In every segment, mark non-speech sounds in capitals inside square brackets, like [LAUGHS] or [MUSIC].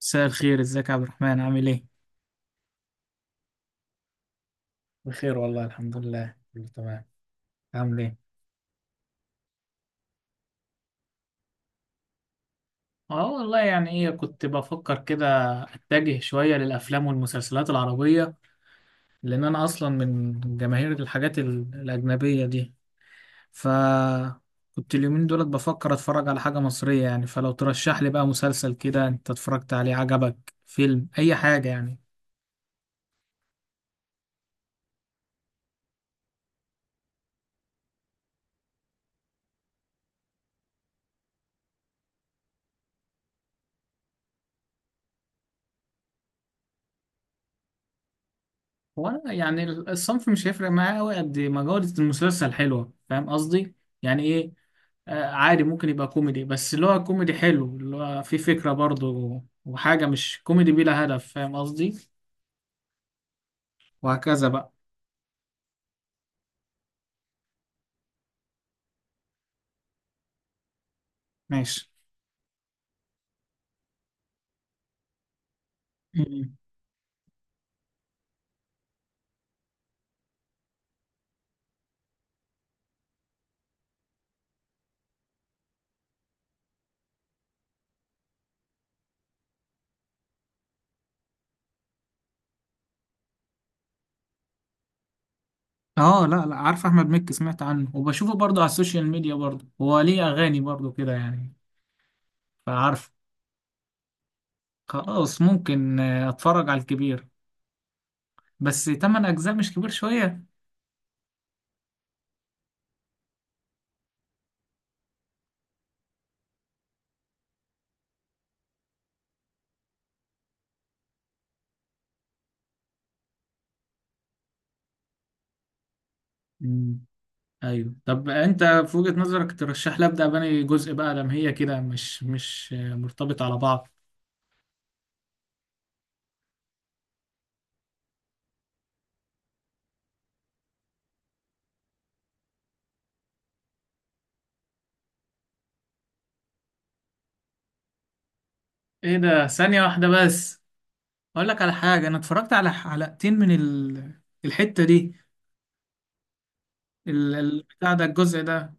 مساء الخير، ازيك يا عبد الرحمن؟ عامل ايه؟ بخير والله، الحمد لله، كله تمام. عامل ايه؟ اه والله، يعني ايه، كنت بفكر كده. اتجه شوية للافلام والمسلسلات العربية، لان انا اصلا من جماهير الحاجات الاجنبية دي. ف كنت اليومين دولت بفكر اتفرج على حاجة مصرية، يعني فلو ترشح لي بقى مسلسل كده انت اتفرجت عليه عجبك، فيلم، اي حاجة يعني. هو أنا يعني الصنف مش هيفرق معايا قوي قد ما جودة المسلسل حلوة، فاهم قصدي؟ يعني ايه. عادي ممكن يبقى كوميدي، بس اللي هو كوميدي حلو اللي هو فيه فكرة برضه وحاجة مش كوميدي بلا هدف، فاهم قصدي. وهكذا بقى. ماشي. مم. اه، لا لا، عارف احمد مكي، سمعت عنه وبشوفه برضه على السوشيال ميديا، برضه هو ليه اغاني برضه كده يعني. فعارف. خلاص، ممكن اتفرج على الكبير. بس 8 اجزاء مش كبير شوية؟ مم. ايوه، طب انت في وجهة نظرك ترشح لي ابدا بني جزء بقى، لما هي كده مش مرتبط على بعض. ايه ده، ثانية واحدة بس. اقول لك على حاجه، انا اتفرجت على حلقتين من الحته دي، بتاع ده، الجزء ده.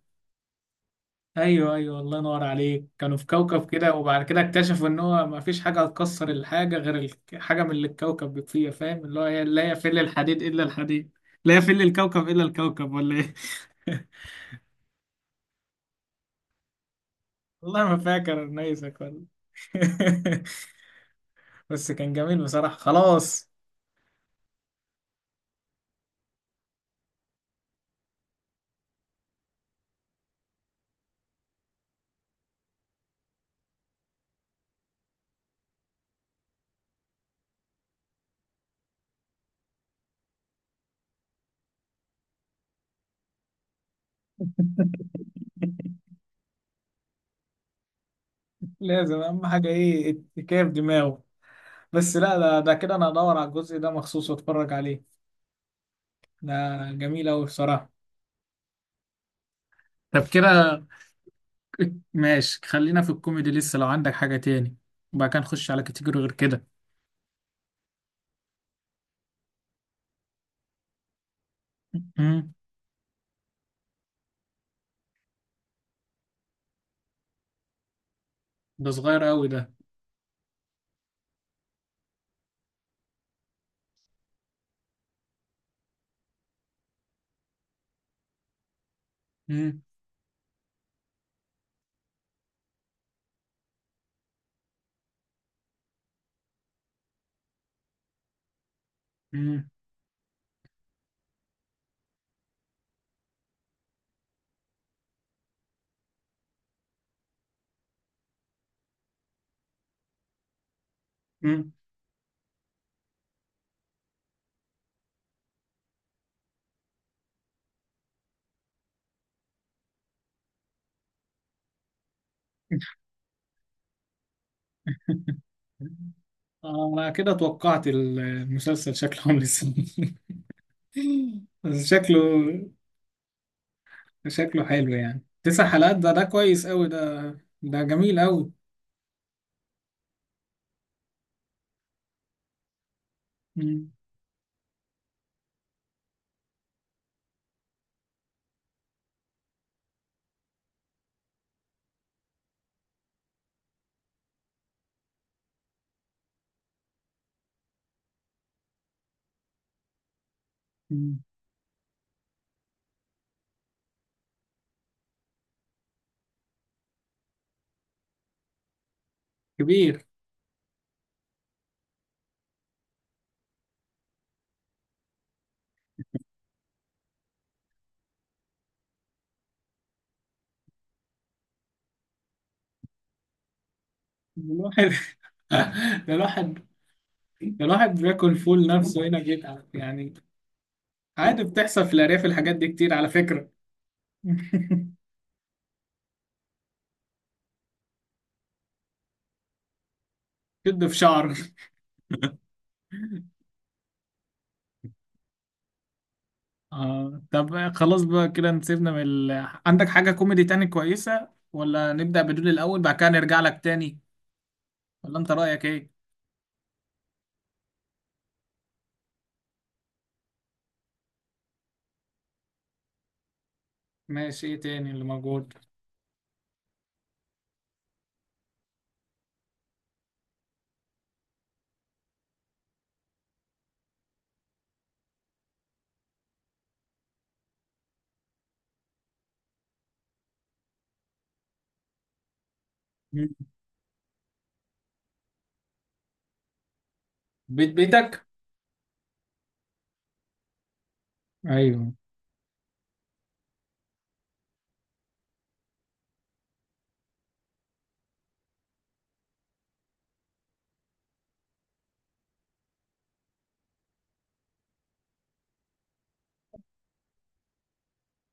ايوه ايوه، الله ينور عليك. كانوا في كوكب كده وبعد كده اكتشفوا ان هو ما فيش حاجه هتكسر الحاجه غير حاجه من اللي الكوكب بيبقى فيها، فاهم اللي هو لا يفل الحديد الا الحديد. لا يفل الكوكب الا الكوكب ولا ايه؟ [LAUGHS] والله ما فاكر نيسك ولا. [LAUGHS] بس كان جميل بصراحه، خلاص. لازم اهم حاجه ايه، كيف دماغه. بس لا، ده كده انا ادور على الجزء ده مخصوص واتفرج عليه. ده جميل أوي بصراحة. طب كده، ماشي، خلينا في الكوميدي لسه لو عندك حاجة تاني، وبعد كده نخش على كاتيجوري غير كده. مم. ده صغير أوي ده. مم. مم. مم. [LAUGHS] أنا كده توقعت المسلسل شكله عامل ازاي. [LAUGHS] بس شكله، شكله حلو، يعني 9 حلقات ده كويس أوي ده. ده جميل أوي. مم. مم. كبير. الواحد. [LAUGHS] ده الواحد، الواحد بياكل فول نفسه هنا بيتعب يعني. عادي بتحصل في الأرياف الحاجات دي كتير على فكرة. [LAUGHS] شد في شعر. آه، طب خلاص بقى كده نسيبنا من عندك حاجة كوميدي تاني كويسة، ولا نبدأ بدول الأول بعد كده نرجع لك تاني؟ ولا أنت رأيك إيه؟ ماشي، إيه تاني اللي موجود؟ مم. بيت بيتك. أيوه.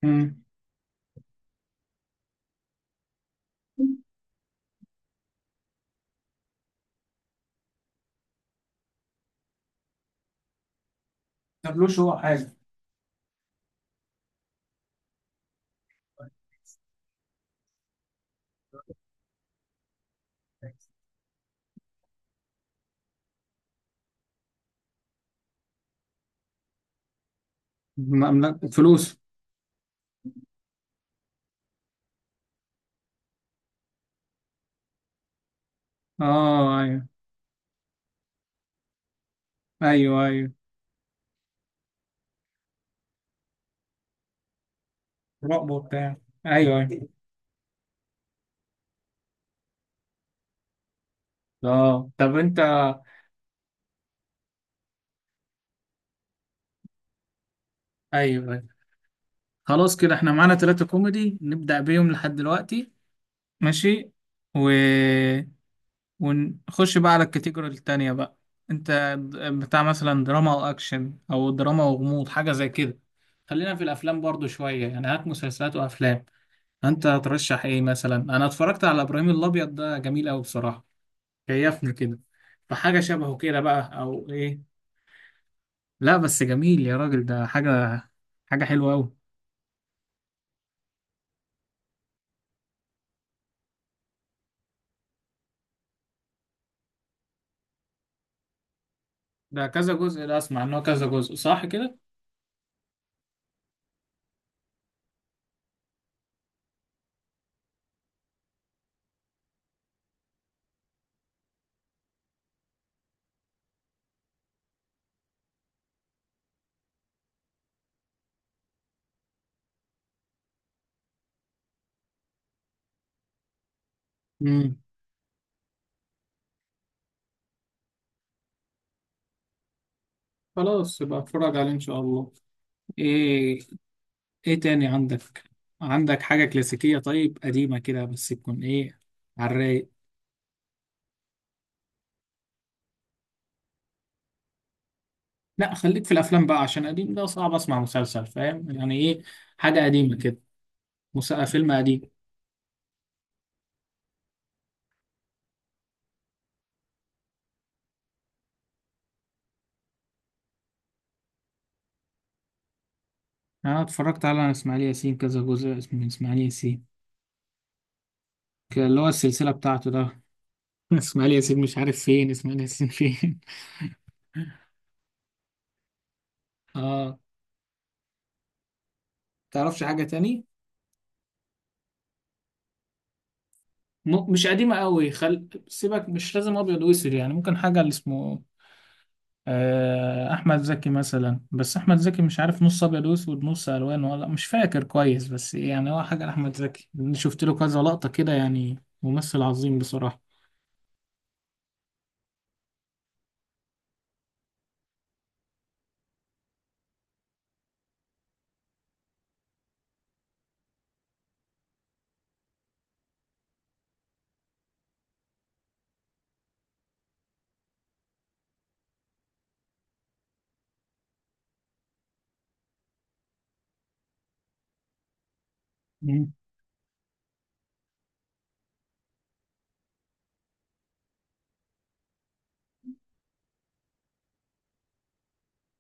مم. مبلوش هو حاجة. مملكة فلوس. اه، ايوه ايوه. ايوه، رقبة وبتاع. ايوه ايوه. اه، طب انت. ايوه، خلاص كده احنا معانا 3 كوميدي نبدأ بيهم لحد دلوقتي. ماشي. و... ونخش بقى على الكاتيجوري التانية بقى. انت، بتاع مثلا دراما او اكشن او دراما وغموض، حاجة زي كده. خلينا في الافلام برضو شوية، يعني هات مسلسلات وافلام. انت هترشح ايه مثلا؟ انا اتفرجت على ابراهيم الابيض، ده جميل قوي بصراحة، كيفني كده. فحاجة شبهه كده بقى او ايه؟ لا بس جميل يا راجل، ده حاجة، حاجة حلوة قوي. ده كذا جزء ده، اسمع ان هو كذا جزء، صح كده؟ مم. خلاص، يبقى اتفرج عليه ان شاء الله. ايه، ايه تاني عندك؟ عندك حاجة كلاسيكية، طيب قديمة كده بس تكون ايه، على الرايق. لا، خليك في الافلام بقى، عشان قديم ده صعب اسمع مسلسل، فاهم يعني ايه، حاجة قديمة كده، فيلم قديم. انا اتفرجت على اسماعيل ياسين كذا جزء، اسمه اسماعيل ياسين، كان اللي هو السلسلة بتاعته ده. [LAUGHS] اسماعيل ياسين مش عارف فين، اسماعيل ياسين فين. [LAUGHS] اه. تعرفش حاجة تاني؟ مش قديمة قوي، سيبك مش لازم ابيض واسود يعني، ممكن حاجة اللي اسمه احمد زكي مثلا. بس احمد زكي مش عارف نص ابيض واسود نص الوان ولا، مش فاكر كويس، بس يعني هو حاجه لاحمد زكي، أنا شفت له كذا لقطه كده، يعني ممثل عظيم بصراحه. مم.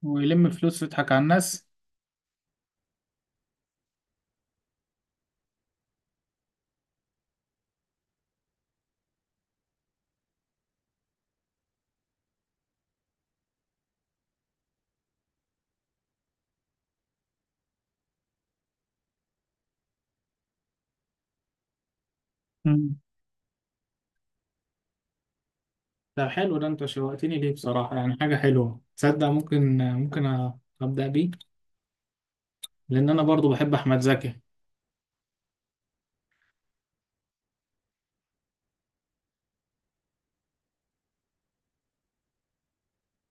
ويلم فلوس ويضحك على الناس. مم. ده حلو ده، انت شوقتني ليه بصراحه، يعني حاجه حلوه تصدق، ممكن ممكن، أ- ابدا بيه، لان انا برضو بحب احمد زكي.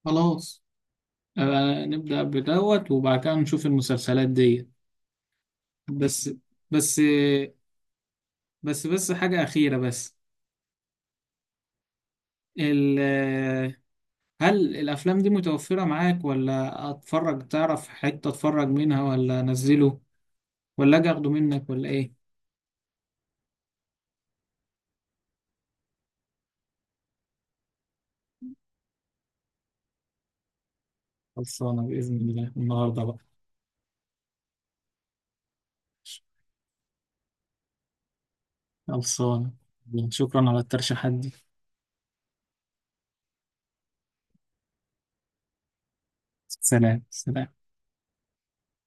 خلاص، نبدا بدوت وبعد كده نشوف المسلسلات دي. بس، بس، بس بس حاجه اخيره بس، ال- هل الأفلام دي متوفرة معاك ولا أتفرج؟ تعرف حتة أتفرج منها ولا أنزله، ولا أجي أخده منك ولا إيه؟ خلصانة بإذن الله النهاردة بقى. خلصانة، شكرا على الترشيحات دي. سلام سلام.